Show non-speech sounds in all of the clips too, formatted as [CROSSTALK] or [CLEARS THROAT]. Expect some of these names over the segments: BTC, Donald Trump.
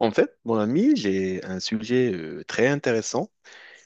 En fait, mon ami, j'ai un sujet très intéressant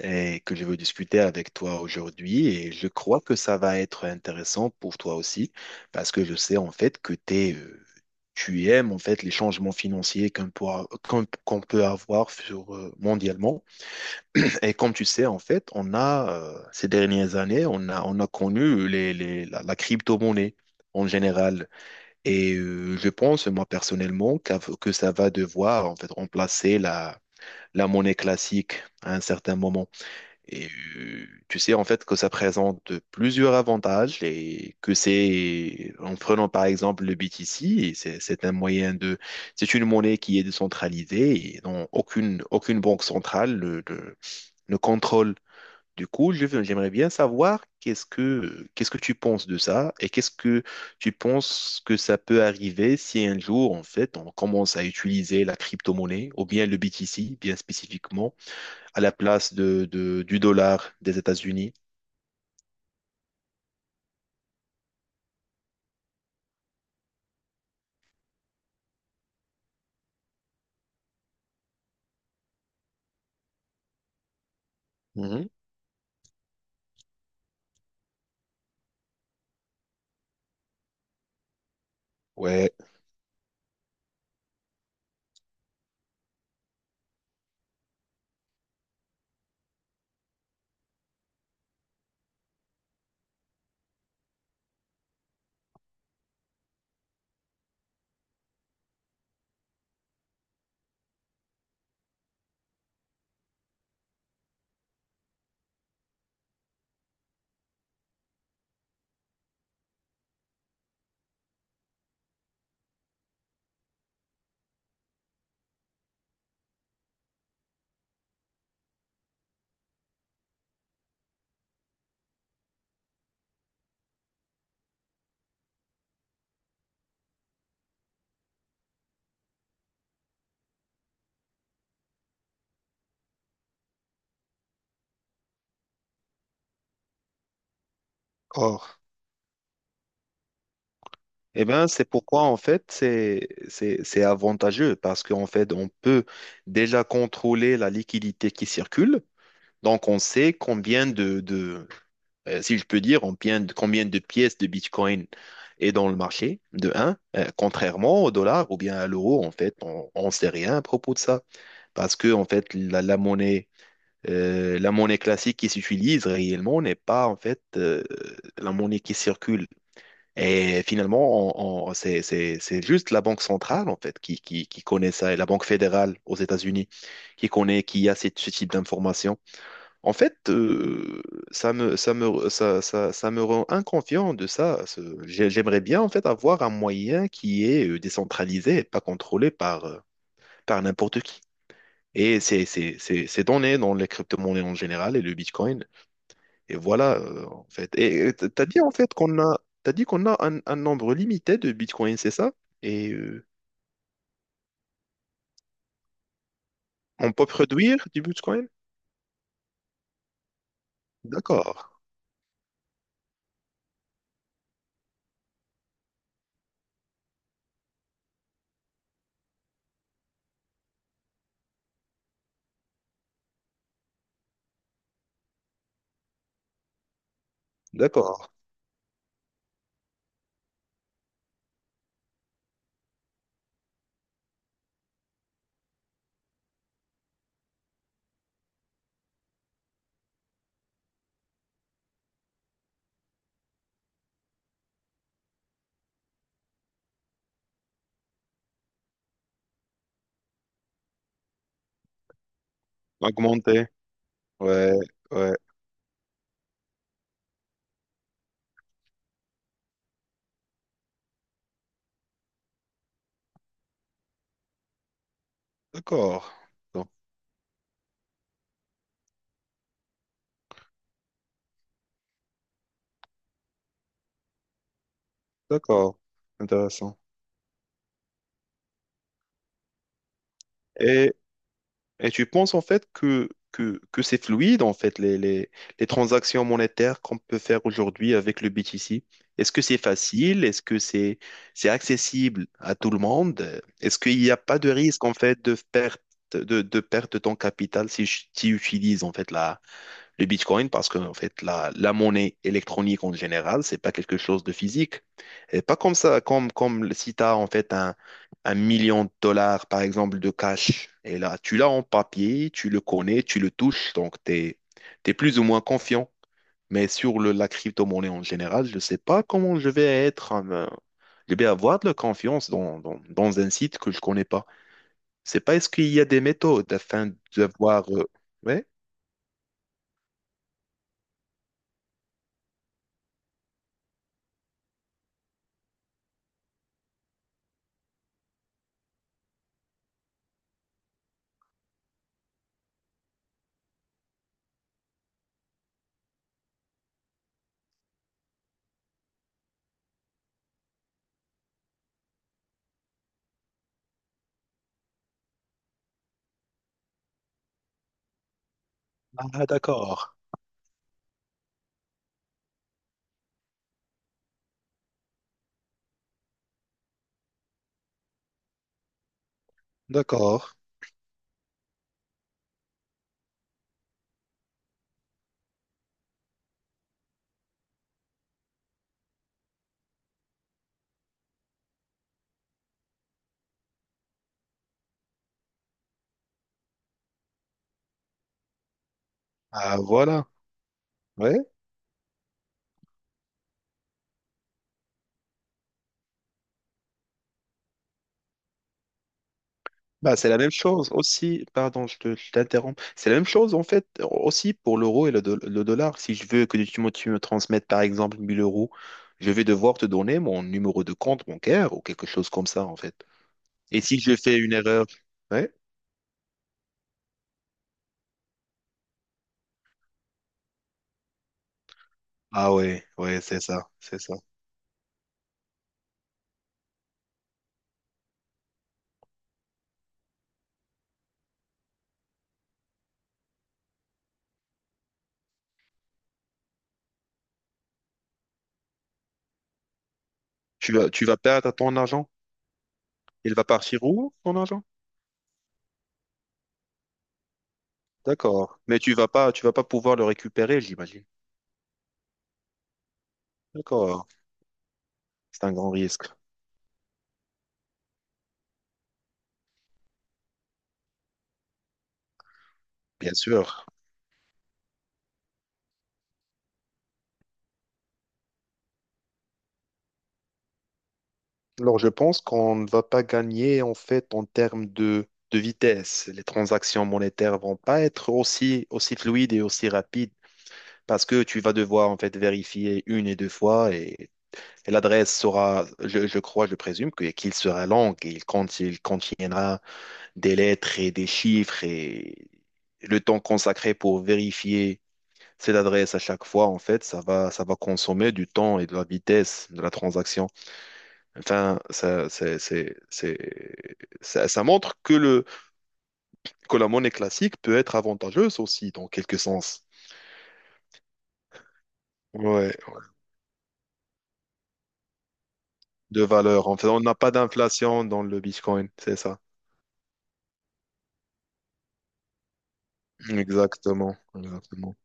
et que je veux discuter avec toi aujourd'hui, et je crois que ça va être intéressant pour toi aussi parce que je sais en fait que tu aimes en fait les changements financiers qu'on peut avoir sur, mondialement. [CLEARS THROAT] Et comme tu sais en fait, on a ces dernières années, on a connu la crypto-monnaie. En général. Et je pense, moi personnellement, que ça va devoir en fait remplacer la monnaie classique à un certain moment. Et tu sais en fait que ça présente plusieurs avantages et que c'est, en prenant par exemple le BTC, et c'est un moyen de, c'est une monnaie qui est décentralisée et dont aucune banque centrale ne contrôle. Du coup, j'aimerais bien savoir qu'est-ce que tu penses de ça, et qu'est-ce que tu penses que ça peut arriver si un jour, en fait, on commence à utiliser la crypto-monnaie ou bien le BTC, bien spécifiquement, à la place du dollar des États-Unis. Mhm. Ouais. Or, eh bien, c'est pourquoi, en fait, c'est avantageux parce qu'en fait, on peut déjà contrôler la liquidité qui circule. Donc, on sait combien de si je peux dire, combien de pièces de Bitcoin est dans le marché, de 1, contrairement au dollar ou bien à l'euro. En fait, on ne sait rien à propos de ça parce que, en fait, la monnaie classique qui s'utilise réellement n'est pas en fait la monnaie qui circule. Et finalement, c'est juste la banque centrale en fait qui connaît ça, et la banque fédérale aux États-Unis qui connaît, qui a ce type d'informations. En fait, ça me rend inconfiant de ça. J'aimerais bien en fait avoir un moyen qui est décentralisé et pas contrôlé par, par n'importe qui. Et ces données dans les crypto-monnaies en général et le Bitcoin et voilà, en fait. Et tu as dit en fait qu'on a, t'as dit qu'on a un nombre limité de bitcoins, c'est ça? Et on peut produire du bitcoin? D'accord, d'accord. Augmenter. Ouais, ouais, d'accord. Donc, d'accord, intéressant. Et Et tu penses en fait que c'est fluide en fait les transactions monétaires qu'on peut faire aujourd'hui avec le BTC? Est-ce que c'est facile? Est-ce que c'est accessible à tout le monde? Est-ce qu'il n'y a pas de risque en fait de perte de ton capital si tu utilises en fait le Bitcoin, parce que en fait, la monnaie électronique en général, c'est pas quelque chose de physique. Et pas comme ça, comme si tu as en fait 1 million de dollars, par exemple, de cash. Et là, tu l'as en papier, tu le connais, tu le touches, donc tu es plus ou moins confiant. Mais sur la crypto-monnaie en général, je ne sais pas comment je vais être, je vais avoir de la confiance dans un site que je connais pas. C'est pas, est-ce qu'il y a des méthodes afin de voir. Ouais. Ah, d'accord, d'accord. Ah, voilà. Ouais. Bah, c'est la même chose aussi. Pardon, je t'interromps. C'est la même chose, en fait, aussi pour l'euro et le, le dollar. Si je veux que tu me transmettes, par exemple, 1000 euros, je vais devoir te donner mon numéro de compte bancaire ou quelque chose comme ça, en fait. Et si je fais une erreur, ouais. Ah ouais, ouais, c'est ça, c'est ça. Tu vas perdre ton argent? Il va partir où, ton argent? D'accord. Mais tu vas pas pouvoir le récupérer, j'imagine. D'accord. C'est un grand risque, bien sûr. Alors, je pense qu'on ne va pas gagner, en fait, en termes de vitesse. Les transactions monétaires vont pas être aussi fluides et aussi rapides parce que tu vas devoir, en fait, vérifier une et deux fois, et l'adresse sera, je crois, je présume que, qu'il sera longue et il, il contiendra des lettres et des chiffres, et le temps consacré pour vérifier cette adresse à chaque fois, en fait, ça va consommer du temps et de la vitesse de la transaction. Enfin, ça, c'est- ça montre que que la monnaie classique peut être avantageuse aussi, dans quelque sens. Ouais, de valeur. En fait, on n'a pas d'inflation dans le Bitcoin, c'est ça. Exactement, exactement.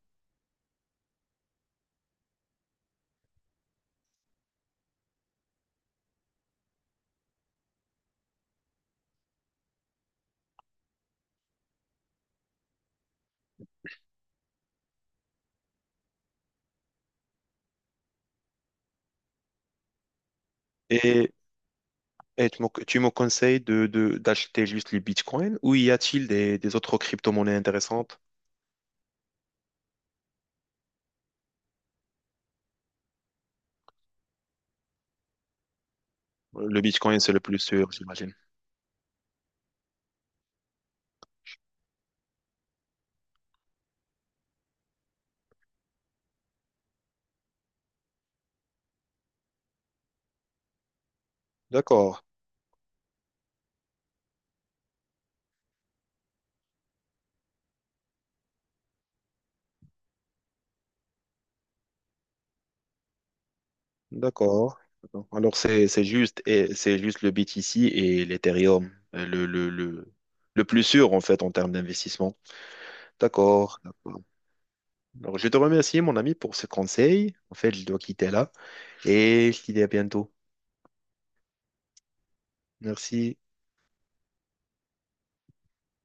Et Et tu me conseilles d'acheter juste le Bitcoin, ou y a-t-il des autres crypto-monnaies intéressantes? Le Bitcoin, c'est le plus sûr, j'imagine. D'accord, d'accord, d'accord. Alors, c'est juste le BTC et l'Ethereum, le plus sûr, en fait, en termes d'investissement. D'accord, d'accord. Alors, je te remercie, mon ami, pour ce conseil. En fait, je dois quitter là et je te dis à bientôt. Merci.